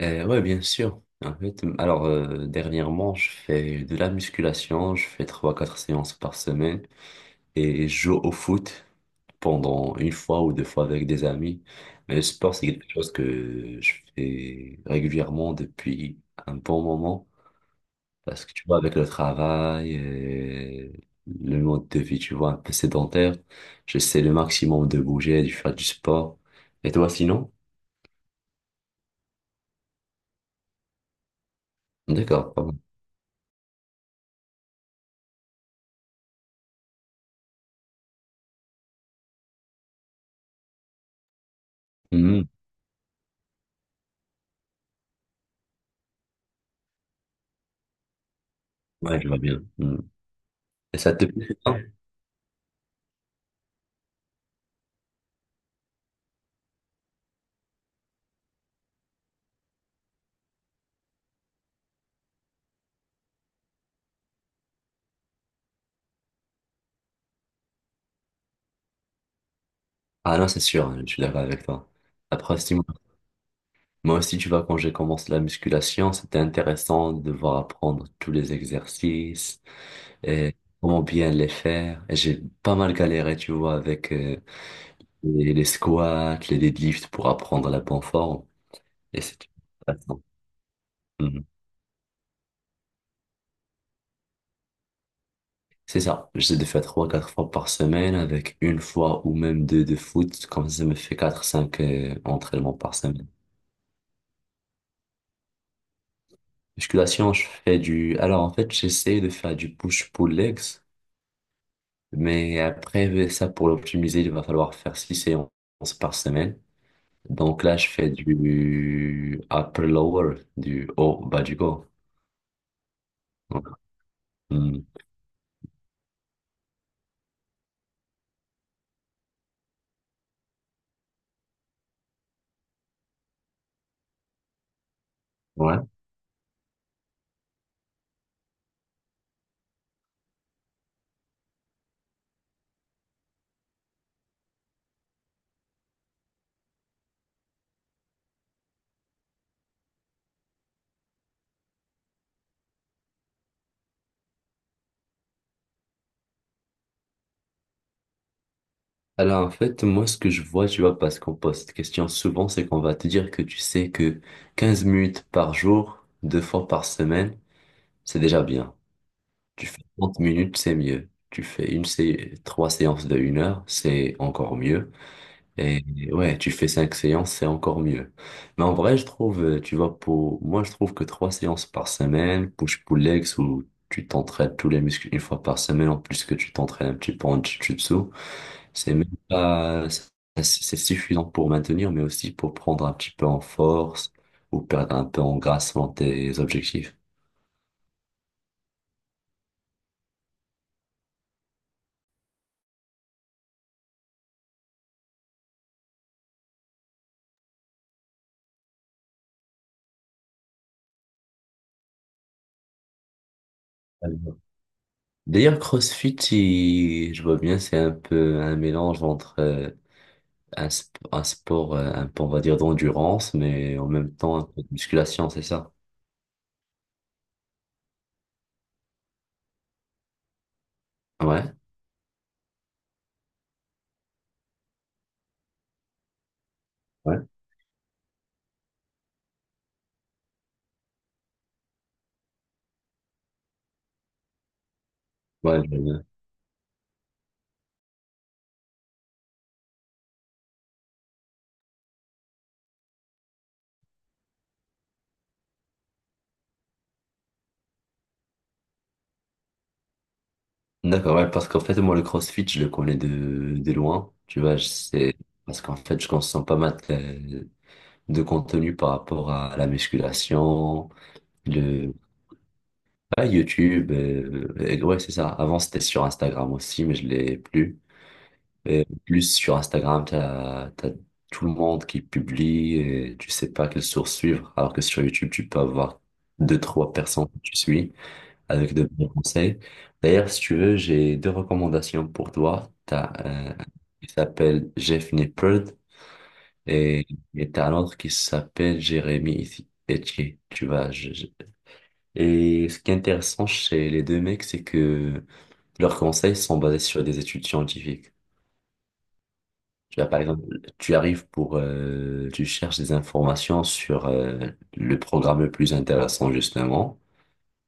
Ouais, bien sûr. En fait, alors dernièrement, je fais de la musculation, je fais trois quatre séances par semaine et je joue au foot pendant une fois ou deux fois avec des amis. Mais le sport, c'est quelque chose que je fais régulièrement depuis un bon moment parce que tu vois, avec le travail, et le mode de vie, tu vois, un peu sédentaire, j'essaie le maximum de bouger, de faire du sport. Et toi, sinon? D'accord. Pas mal. Mhm. Ouais, je vois bien. Mhm. Et ça te plaît? Ça Ah non, c'est sûr, je suis d'accord avec toi. Après aussi, moi aussi, tu vois, quand j'ai commencé la musculation, c'était intéressant de voir apprendre tous les exercices et comment bien les faire. Et j'ai pas mal galéré, tu vois, avec les squats, les deadlifts pour apprendre la bonne forme. Et c'est intéressant. Mhm. C'est ça, j'essaie de faire trois, quatre fois par semaine avec une fois ou même deux de foot, comme ça ça me fait quatre, cinq entraînements par semaine. Musculation, je fais Alors, en fait, j'essaie de faire du push-pull legs, mais après, ça, pour l'optimiser, il va falloir faire six séances par semaine. Donc là, je fais du upper-lower, du haut, bas du corps. Donc, hmm, ouais. Alors, en fait, moi, ce que je vois, tu vois, parce qu'on pose cette question souvent, c'est qu'on va te dire que tu sais que 15 minutes par jour, deux fois par semaine, c'est déjà bien. Tu fais 30 minutes, c'est mieux. Tu fais une sé trois séances de 1 heure, c'est encore mieux. Et ouais, tu fais cinq séances, c'est encore mieux. Mais en vrai, je trouve, tu vois, pour moi, je trouve que trois séances par semaine, push-pull legs, où tu t'entraînes tous les muscles une fois par semaine, en plus que tu t'entraînes un petit peu en jiu-jitsu, c'est même pas, c'est suffisant pour maintenir, mais aussi pour prendre un petit peu en force ou perdre un peu en grâce dans tes objectifs. Alors, d'ailleurs, CrossFit, je vois bien, c'est un peu un mélange entre un sport, un peu, on va dire, d'endurance, mais en même temps un peu de musculation, c'est ça? Ouais, ouais, ouais, je vois bien. D'accord, ouais, parce qu'en fait, moi, le CrossFit, je le connais de loin, tu vois, je sais, parce qu'en fait, je consomme pas mal de contenu par rapport à la musculation. Ah, YouTube, ouais, c'est ça. Avant, c'était sur Instagram aussi, mais je l'ai plus. Et plus sur Instagram, t'as tout le monde qui publie et tu sais pas quelle source suivre. Alors que sur YouTube, tu peux avoir deux, trois personnes que tu suis avec de bons conseils. D'ailleurs, si tu veux, j'ai deux recommandations pour toi. T'as un qui s'appelle Jeff Nippard et, et t'as un autre qui s'appelle Jérémy Etier. Tu vois, et ce qui est intéressant chez les deux mecs, c'est que leurs conseils sont basés sur des études scientifiques. Tu vois, par exemple, tu arrives pour, tu cherches des informations sur le programme le plus intéressant justement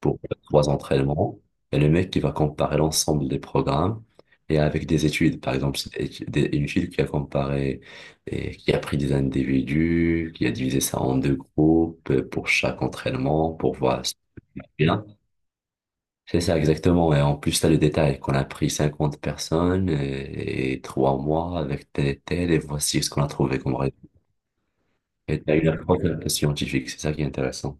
pour trois entraînements. Et le mec qui va comparer l'ensemble des programmes et avec des études. Par exemple, une étude qui a comparé et qui a pris des individus, qui a divisé ça en deux groupes pour chaque entraînement pour voir si c'est bien. C'est ça, exactement. Et en plus, t'as le détail qu'on a pris 50 personnes et 3 mois avec tel et tel, et voici ce qu'on a trouvé comme résultat. Et t'as une approche un peu scientifique, c'est ça qui est intéressant.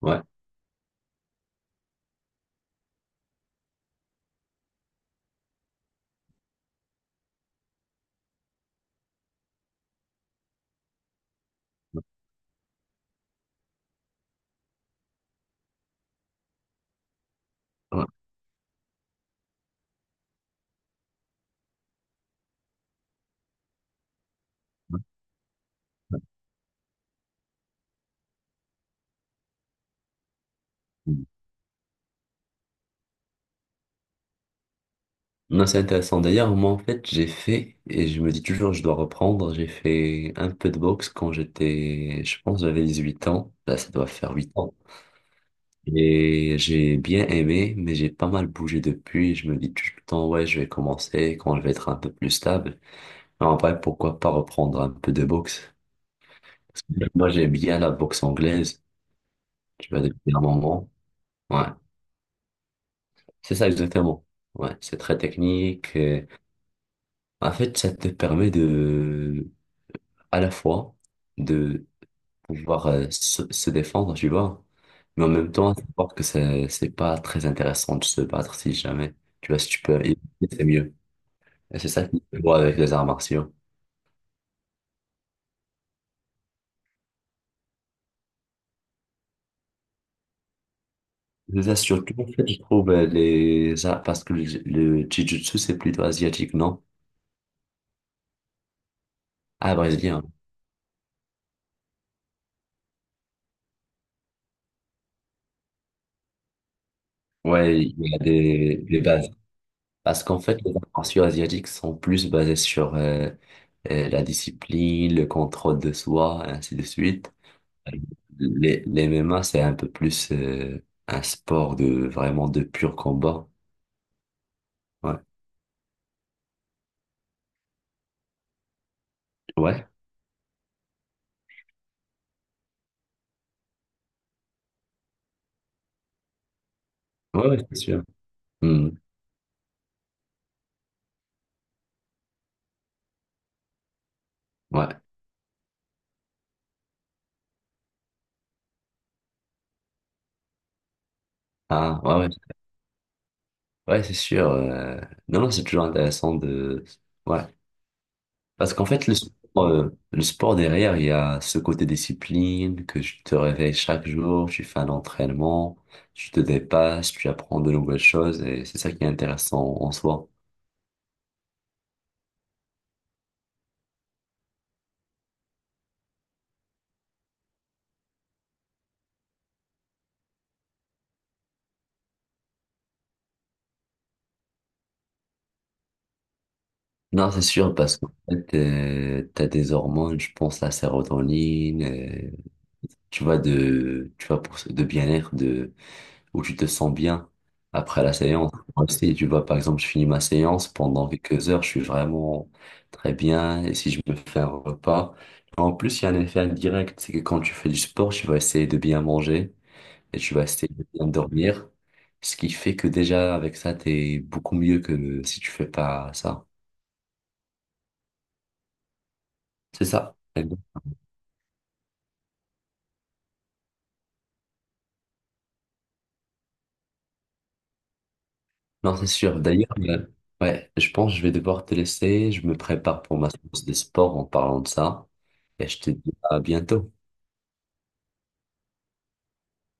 Ouais. Ouais. Non, c'est intéressant. D'ailleurs, moi, en fait, j'ai fait, et je me dis toujours, je dois reprendre, j'ai fait un peu de boxe quand j'étais, je pense, j'avais 18 ans. Là, ça doit faire 8 ans. Et j'ai bien aimé, mais j'ai pas mal bougé depuis. Je me dis tout le temps, ouais, je vais commencer quand je vais être un peu plus stable. En vrai, pourquoi pas reprendre un peu de boxe? Parce que moi, j'aime bien la boxe anglaise, tu vois, depuis un moment. Ouais, c'est ça exactement. Ouais, c'est très technique. En fait, ça te permet de, à la fois, de pouvoir se défendre, tu vois, mais en même temps, savoir que c'est pas très intéressant de se battre si jamais. Tu vois, si tu peux éviter, c'est mieux. Et c'est ça qui se voit avec les arts martiaux. Là, surtout, en fait, je trouve les... Ah, parce que le jiu-jitsu, c'est plutôt asiatique, non? Ah, brésilien. Ouais, il y a des bases. Parce qu'en fait, les arts martiaux asiatiques sont plus basés sur la discipline, le contrôle de soi, ainsi de suite. Les MMA, c'est un peu plus un sport de vraiment de pur combat. Ouais, ouais, ouais, ouais, c'est sûr. Hmm. Ouais, ah, ouais, ouais, ouais, c'est sûr. Non, non, c'est toujours intéressant de... Ouais. Parce qu'en fait, le sport derrière, il y a ce côté discipline, que tu te réveilles chaque jour, tu fais un entraînement, tu te dépasses, tu apprends de nouvelles choses, et c'est ça qui est intéressant en soi. Non, c'est sûr, parce qu'en fait, t'as des hormones, je pense, la sérotonine, tu vois, de, tu vois, pour, de bien-être, de, où tu te sens bien après la séance. Moi aussi, tu vois, par exemple, je finis ma séance pendant quelques heures, je suis vraiment très bien. Et si je me fais un repas, en plus, il y a un effet indirect, c'est que quand tu fais du sport, tu vas essayer de bien manger et tu vas essayer de bien dormir. Ce qui fait que déjà, avec ça, t'es beaucoup mieux que si tu fais pas ça. C'est ça. Non, c'est sûr. D'ailleurs, ouais, je pense que je vais devoir te laisser. Je me prépare pour ma séance de sport en parlant de ça. Et je te dis à bientôt.